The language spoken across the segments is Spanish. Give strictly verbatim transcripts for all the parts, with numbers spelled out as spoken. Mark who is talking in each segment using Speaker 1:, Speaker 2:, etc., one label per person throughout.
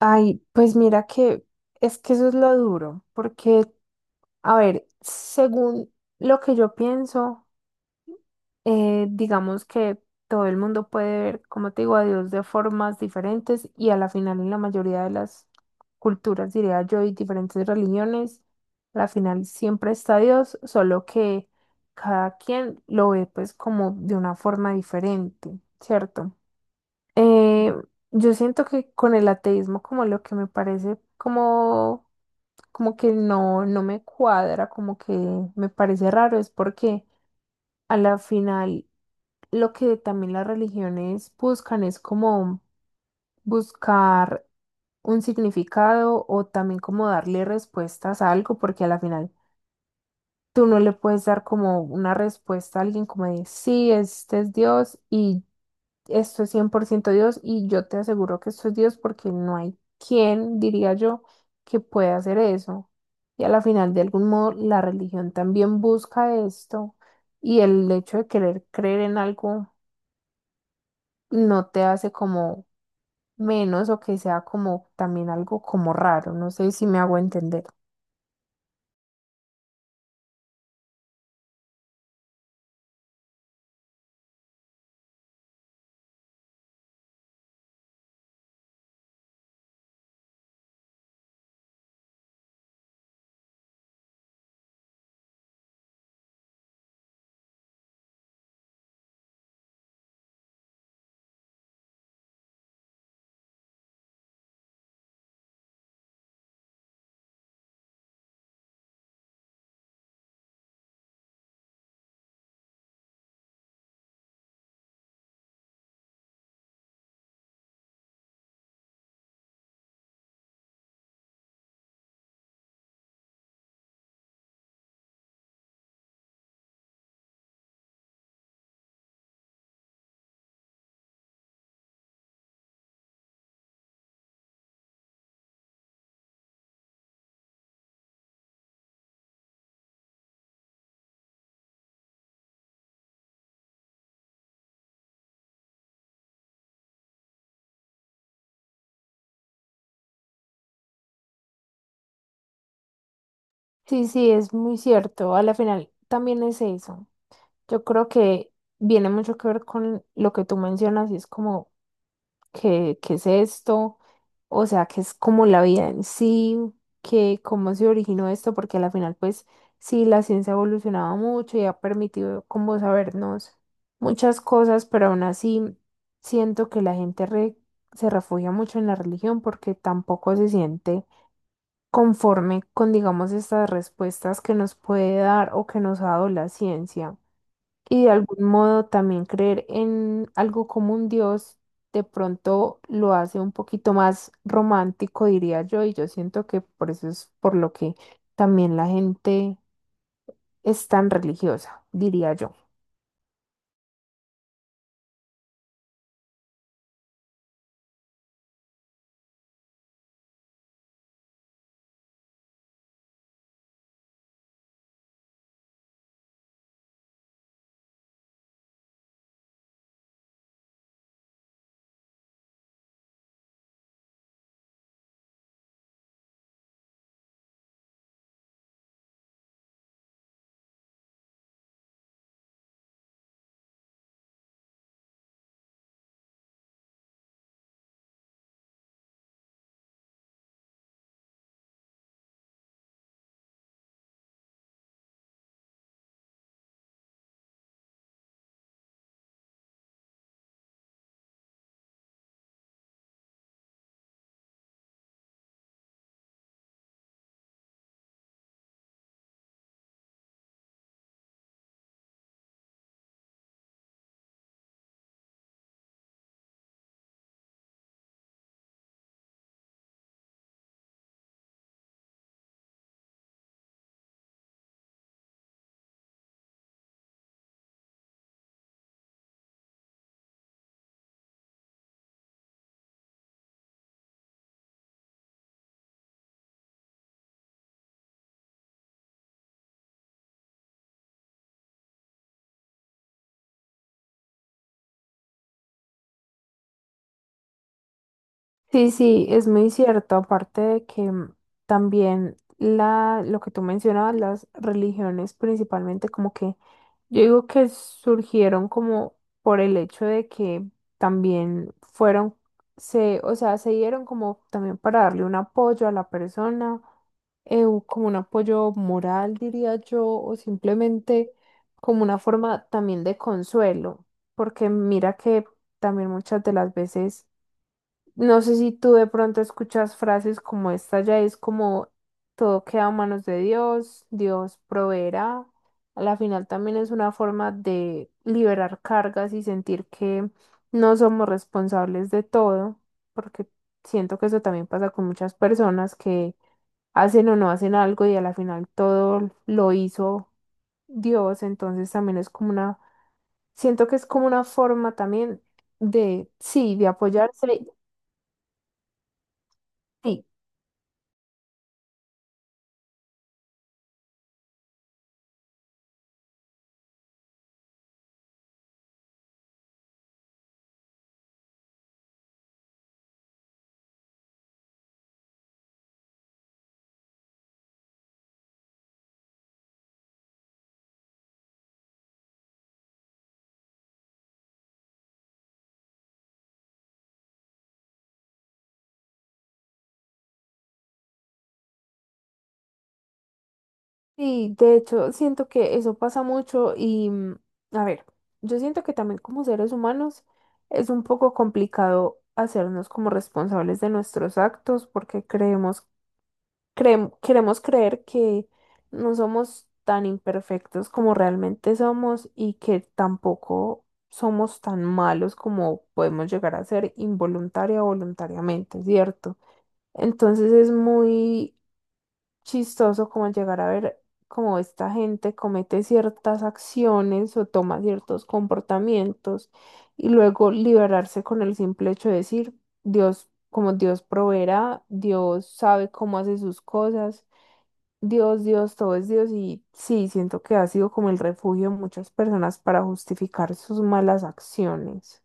Speaker 1: Ay, pues mira que es que eso es lo duro, porque, a ver, según lo que yo pienso, eh, digamos que todo el mundo puede ver, como te digo, a Dios de formas diferentes y a la final en la mayoría de las culturas, diría yo, y diferentes religiones, a la final siempre está Dios, solo que cada quien lo ve pues como de una forma diferente, ¿cierto? Eh, yo siento que con el ateísmo como lo que me parece como, como que no, no me cuadra, como que me parece raro, es porque a la final lo que también las religiones buscan es como buscar un significado o también como darle respuestas a algo, porque a la final tú no le puedes dar como una respuesta a alguien como de sí, este es Dios y esto es cien por ciento Dios y yo te aseguro que esto es Dios porque no hay quien, diría yo, que pueda hacer eso. Y a la final, de algún modo, la religión también busca esto y el hecho de querer creer en algo no te hace como menos o que sea como también algo como raro. No sé si me hago entender. Sí, sí, es muy cierto. A la final también es eso. Yo creo que viene mucho que ver con lo que tú mencionas y es como qué, qué es esto, o sea, qué es como la vida en sí, que cómo se originó esto, porque al final, pues, sí, la ciencia ha evolucionado mucho y ha permitido como sabernos muchas cosas, pero aún así siento que la gente re- se refugia mucho en la religión porque tampoco se siente conforme con, digamos, estas respuestas que nos puede dar o que nos ha dado la ciencia. Y de algún modo también creer en algo como un Dios de pronto lo hace un poquito más romántico, diría yo, y yo siento que por eso es por lo que también la gente es tan religiosa, diría yo. Sí, sí, es muy cierto, aparte de que mm, también la, lo que tú mencionabas, las religiones principalmente, como que yo digo que surgieron como por el hecho de que también fueron, se, o sea, se dieron como también para darle un apoyo a la persona, eh, un- como un apoyo moral, diría yo, o simplemente como una forma también de consuelo, porque mira que también muchas de las veces no sé si tú de pronto escuchas frases como esta, ya es como todo queda a manos de Dios, Dios proveerá. A la final también es una forma de liberar cargas y sentir que no somos responsables de todo, porque siento que eso también pasa con muchas personas que hacen o no hacen algo y a la final todo lo hizo Dios, entonces también es como una, siento que es como una forma también de, sí, de apoyarse, sí. Sí, de hecho, siento que eso pasa mucho y, mm, a ver, yo siento que también como seres humanos es un poco complicado hacernos como responsables de nuestros actos porque creemos, creem- queremos creer que no somos tan imperfectos como realmente somos y que tampoco somos tan malos como podemos llegar a ser involuntaria o voluntariamente, ¿cierto? Entonces es muy chistoso como el llegar a ver cómo esta gente comete ciertas acciones o toma ciertos comportamientos y luego liberarse con el simple hecho de decir, Dios, como Dios proveerá, Dios sabe cómo hace sus cosas, Dios, Dios, todo es Dios y sí, siento que ha sido como el refugio de muchas personas para justificar sus malas acciones.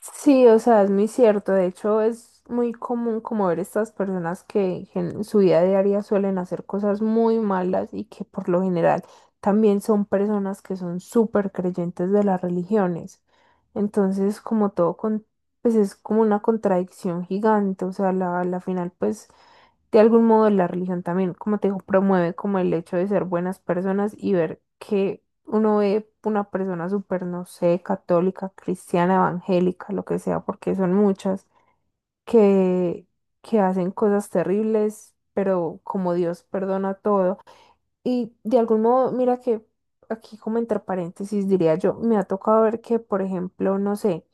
Speaker 1: Sí, o sea, es muy cierto. De hecho, es muy común como ver estas personas que en su vida diaria suelen hacer cosas muy malas y que por lo general también son personas que son súper creyentes de las religiones. Entonces, como todo, con, pues es como una contradicción gigante. O sea, la, la final, pues de algún modo la religión también, como te digo, promueve como el hecho de ser buenas personas y ver que uno ve una persona súper, no sé, católica, cristiana, evangélica, lo que sea, porque son muchas, que, que hacen cosas terribles, pero como Dios perdona todo y de algún modo, mira que aquí como entre paréntesis diría yo, me ha tocado ver que, por ejemplo, no sé,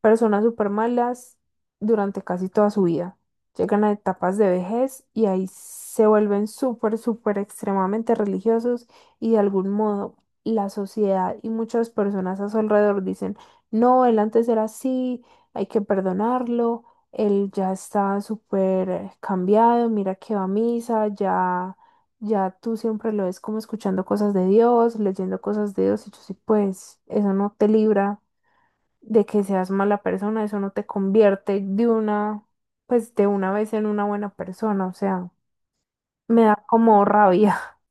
Speaker 1: personas súper malas durante casi toda su vida llegan a etapas de vejez y ahí se vuelven súper, súper extremadamente religiosos y de algún modo la sociedad y muchas personas a su alrededor dicen, no, él antes era así, hay que perdonarlo, él ya está súper cambiado, mira que va a misa, ya ya tú siempre lo ves como escuchando cosas de Dios, leyendo cosas de Dios, y yo sí, pues eso no te libra de que seas mala persona, eso no te convierte de una, pues de una vez en una buena persona, o sea, me da como rabia.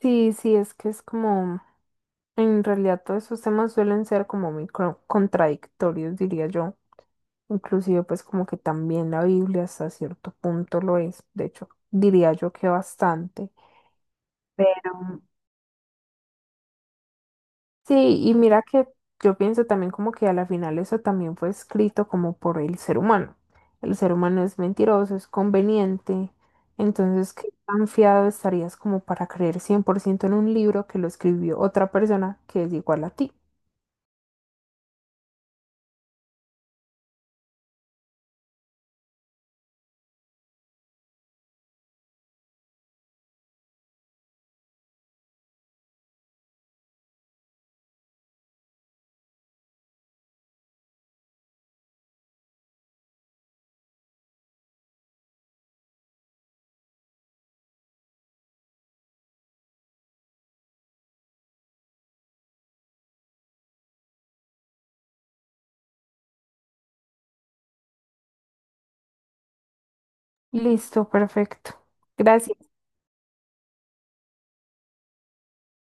Speaker 1: Sí, sí, es que es como, en realidad todos esos temas suelen ser como muy cro- contradictorios, diría yo. Inclusive pues como que también la Biblia hasta cierto punto lo es, de hecho, diría yo que bastante. Pero sí, y mira que yo pienso también como que a la final eso también fue escrito como por el ser humano. El ser humano es mentiroso, es conveniente. Entonces, ¿qué tan fiado estarías como para creer cien por ciento en un libro que lo escribió otra persona que es igual a ti? Listo, perfecto. Gracias.